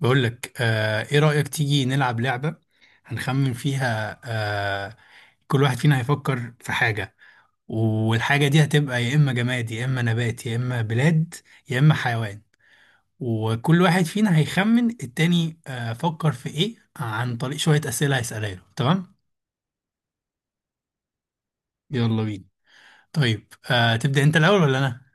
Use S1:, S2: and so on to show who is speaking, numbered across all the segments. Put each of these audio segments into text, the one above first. S1: بقول لك ايه رأيك تيجي نلعب لعبة هنخمن فيها كل واحد فينا هيفكر في حاجة، والحاجة دي هتبقى يا إما جماد يا إما نبات يا إما بلاد يا إما حيوان. وكل واحد فينا هيخمن التاني فكر في ايه عن طريق شوية أسئلة هيسألها له، تمام؟ يلا بينا. طيب تبدأ انت الأول ولا أنا؟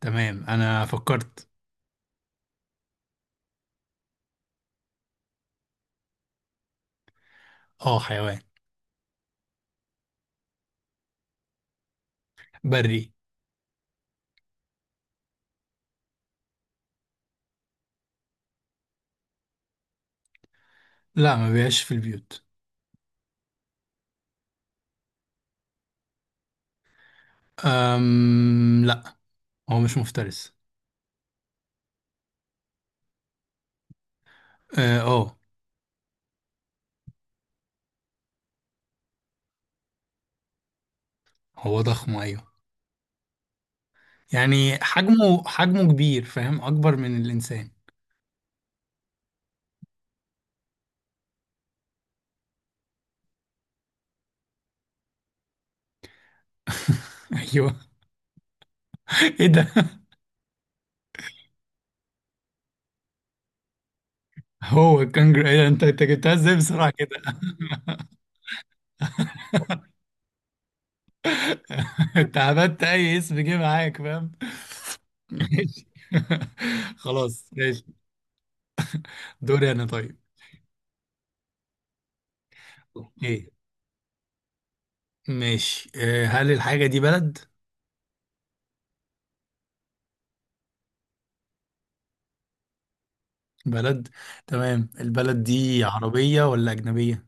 S1: تمام أنا فكرت. اه حيوان بري. لا، ما بيعيش في البيوت. لا، هو مش مفترس. اه آه. هو ضخم ايوه، يعني حجمه كبير، فاهم؟ اكبر من الانسان. ايوه. ايه ده؟ هو الكنجر؟ ايه ده، انت جبتها ازاي بسرعه كده؟ انت عبدت اي اسم جه معاك، فاهم؟ ماشي خلاص ماشي. دوري انا طيب. اوكي ماشي هل الحاجه دي بلد؟ بلد. تمام، البلد دي عربيه ولا اجنبيه؟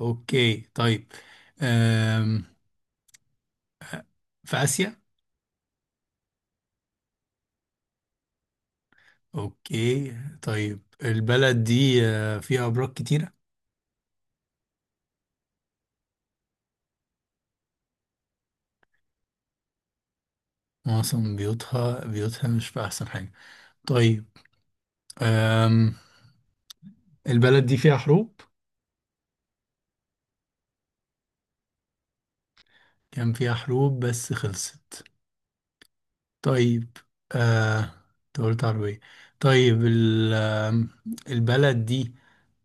S1: اوكي طيب، آم، في اسيا؟ اوكي. طيب البلد دي فيها ابراج كتيرة؟ معظم بيوتها مش في احسن حاجة. طيب، آم، البلد دي فيها حروب؟ كان فيها حروب بس خلصت. طيب، آه أنت قلت عربية. طيب البلد دي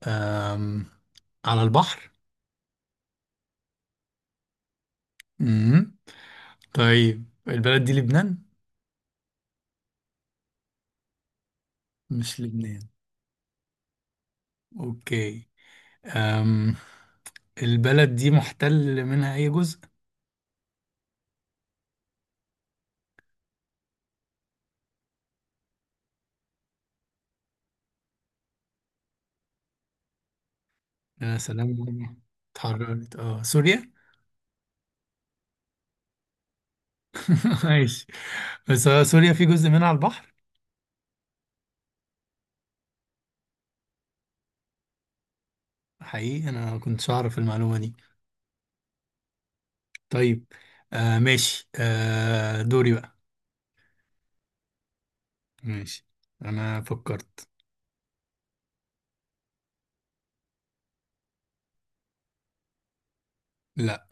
S1: آم، على البحر؟ مم. طيب البلد دي لبنان؟ مش لبنان. اوكي، أم البلد دي محتل منها اي جزء؟ يا سلام والله. اتحررت، سوريا. ماشي، بس سوريا في جزء منها على البحر؟ حقيقي انا ما كنتش اعرف المعلومه دي. طيب ماشي دوري بقى. ماشي انا فكرت. لا.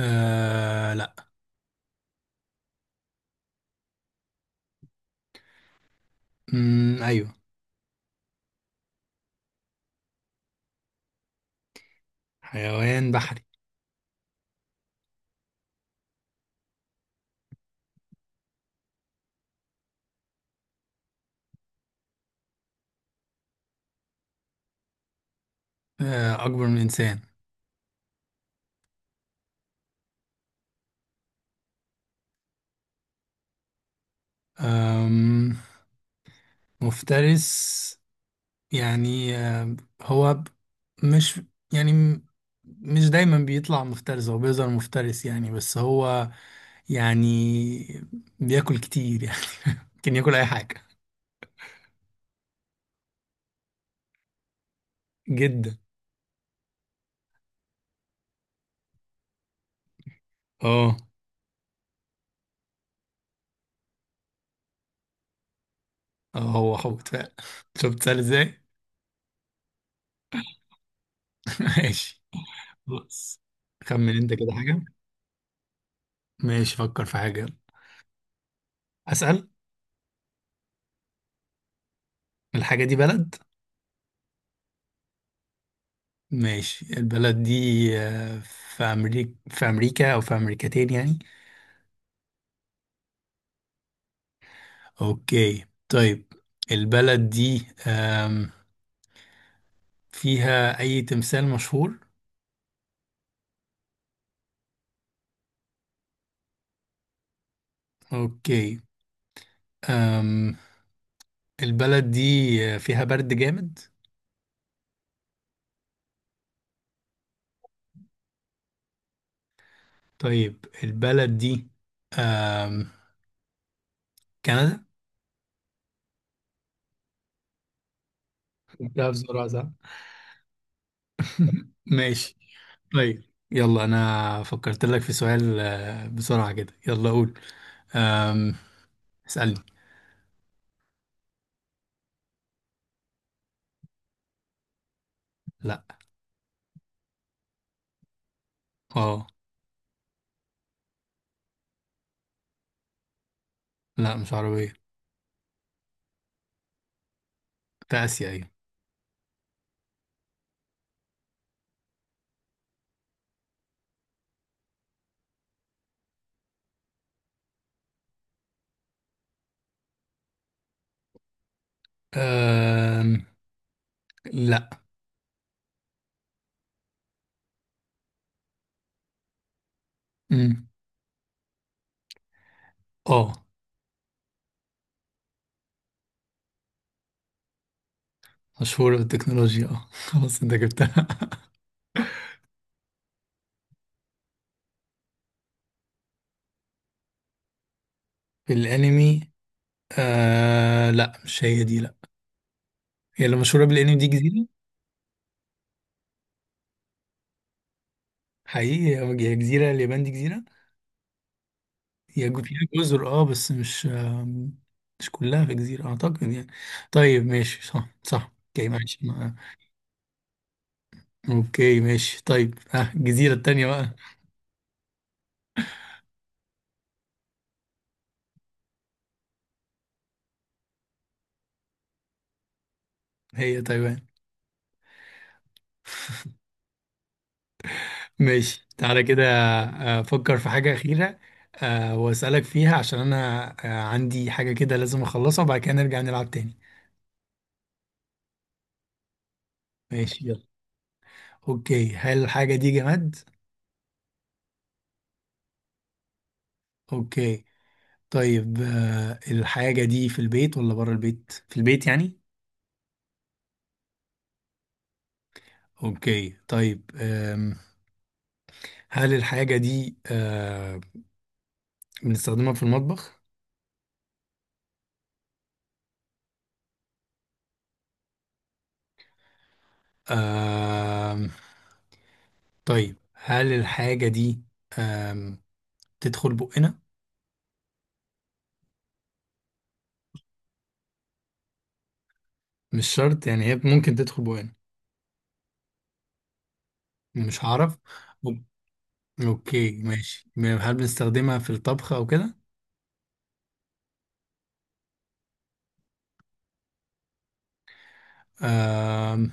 S1: لا. مم، ايوه. حيوان بحري. اكبر من الانسان. آم مفترس، يعني هو ب- مش، يعني م- مش دايما بيطلع مفترس، هو بيظهر مفترس يعني، بس هو يعني بياكل كتير يعني. ممكن ياكل اي حاجه. جدا. اه اه، هو حوت فعلا. شفت سهل ازاي؟ ماشي. بص، خمن انت كده حاجه. ماشي فكر في حاجه. اسال. الحاجه دي بلد؟ ماشي، البلد دي آه، في امريكا او في امريكتين يعني؟ اوكي طيب، البلد دي فيها اي تمثال مشهور؟ اوكي، أم البلد دي فيها برد جامد؟ طيب البلد دي آم، كندا؟ جبتها بسرعة صح؟ ماشي. طيب، يلا انا فكرت لك في سؤال بسرعة كده يلا قول. آم، اسألني. لا. اه. لا، مش عربية. في اسيا ايوه. آم، لا. مم. اه، مشهورة بالتكنولوجيا اه خلاص انت جبتها. في الانمي؟ لا مش هي دي، لا. هي اللي مشهورة بالانمي دي جزيرة. حقيقي، هي جزيرة، اليابان دي جزيرة. هي فيها جزر اه، بس مش مش كلها في جزيرة اعتقد يعني. طيب ماشي، صح صح اوكي ماشي اوكي ماشي طيب، ها الجزيرة التانية بقى؟ هي تايوان. ماشي، تعالى كده افكر في حاجة أخيرة واسألك فيها عشان انا عندي حاجة كده لازم اخلصها وبعد كده نرجع نلعب تاني. ماشي يلا. اوكي، هل الحاجة دي جماد؟ اوكي، طيب الحاجة دي في البيت ولا بره البيت؟ في البيت يعني. اوكي طيب، هل الحاجة دي بنستخدمها في المطبخ؟ آه طيب هل الحاجة دي آه تدخل بقنا؟ مش شرط يعني، هي ممكن تدخل بقنا. مش هعرف. أو- اوكي ماشي، هل بنستخدمها في الطبخ او كده؟ آه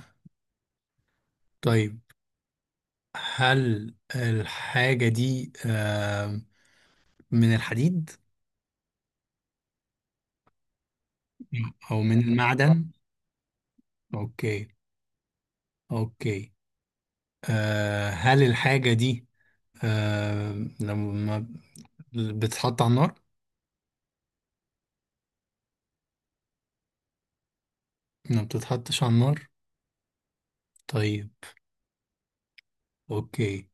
S1: طيب هل الحاجة دي من الحديد او من المعدن؟ اوكي. اوكي، هل الحاجة دي آه لما بتتحط على النار؟ ما بتتحطش على النار. طيب، اوكي،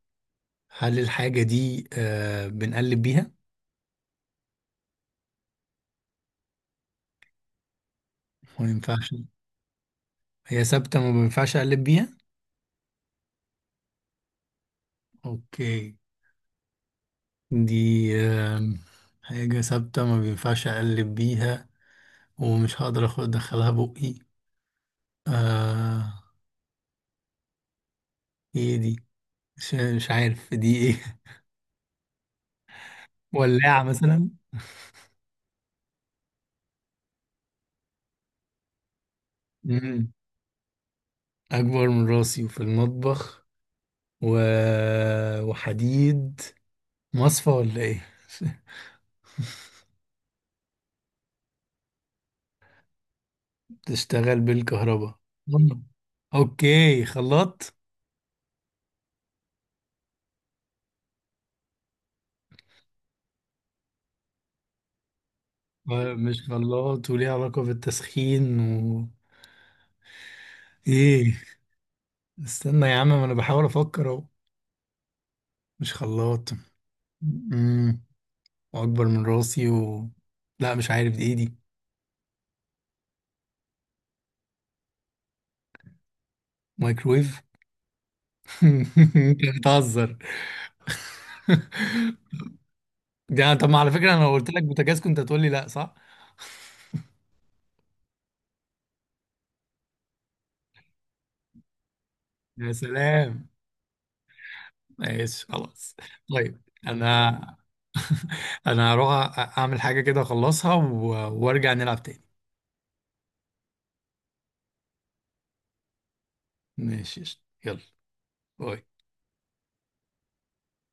S1: هل الحاجة دي بنقلب بيها؟ ما ينفعش. هي ثابتة، ما بينفعش اقلب بيها. اوكي، دي آه حاجة ثابتة ما بينفعش اقلب بيها، ومش هقدر اخد ادخلها بقي آه ايه دي، مش عارف دي ايه. ولاعة مثلا؟ مم. اكبر من راسي وفي المطبخ، و... وحديد، مصفى ولا ايه؟ تشتغل بالكهرباء. مم. اوكي، خلاط؟ مم. مش خلاط، وليه علاقة بالتسخين و ايه؟ استنى يا عم، ما انا بحاول افكر اهو. مش خلاط، امم واكبر من راسي و لا مش عارف دي ايه. دي مايكرويف؟ انت بتهزر. يعني طب، ما على فكرة انا لو قلت لك بوتاجاز كنت هتقول لي لا، صح؟ يا سلام. ماشي خلاص. طيب انا هروح اعمل حاجة كده اخلصها وارجع نلعب تاني. ماشي قشطة. يلا. باي.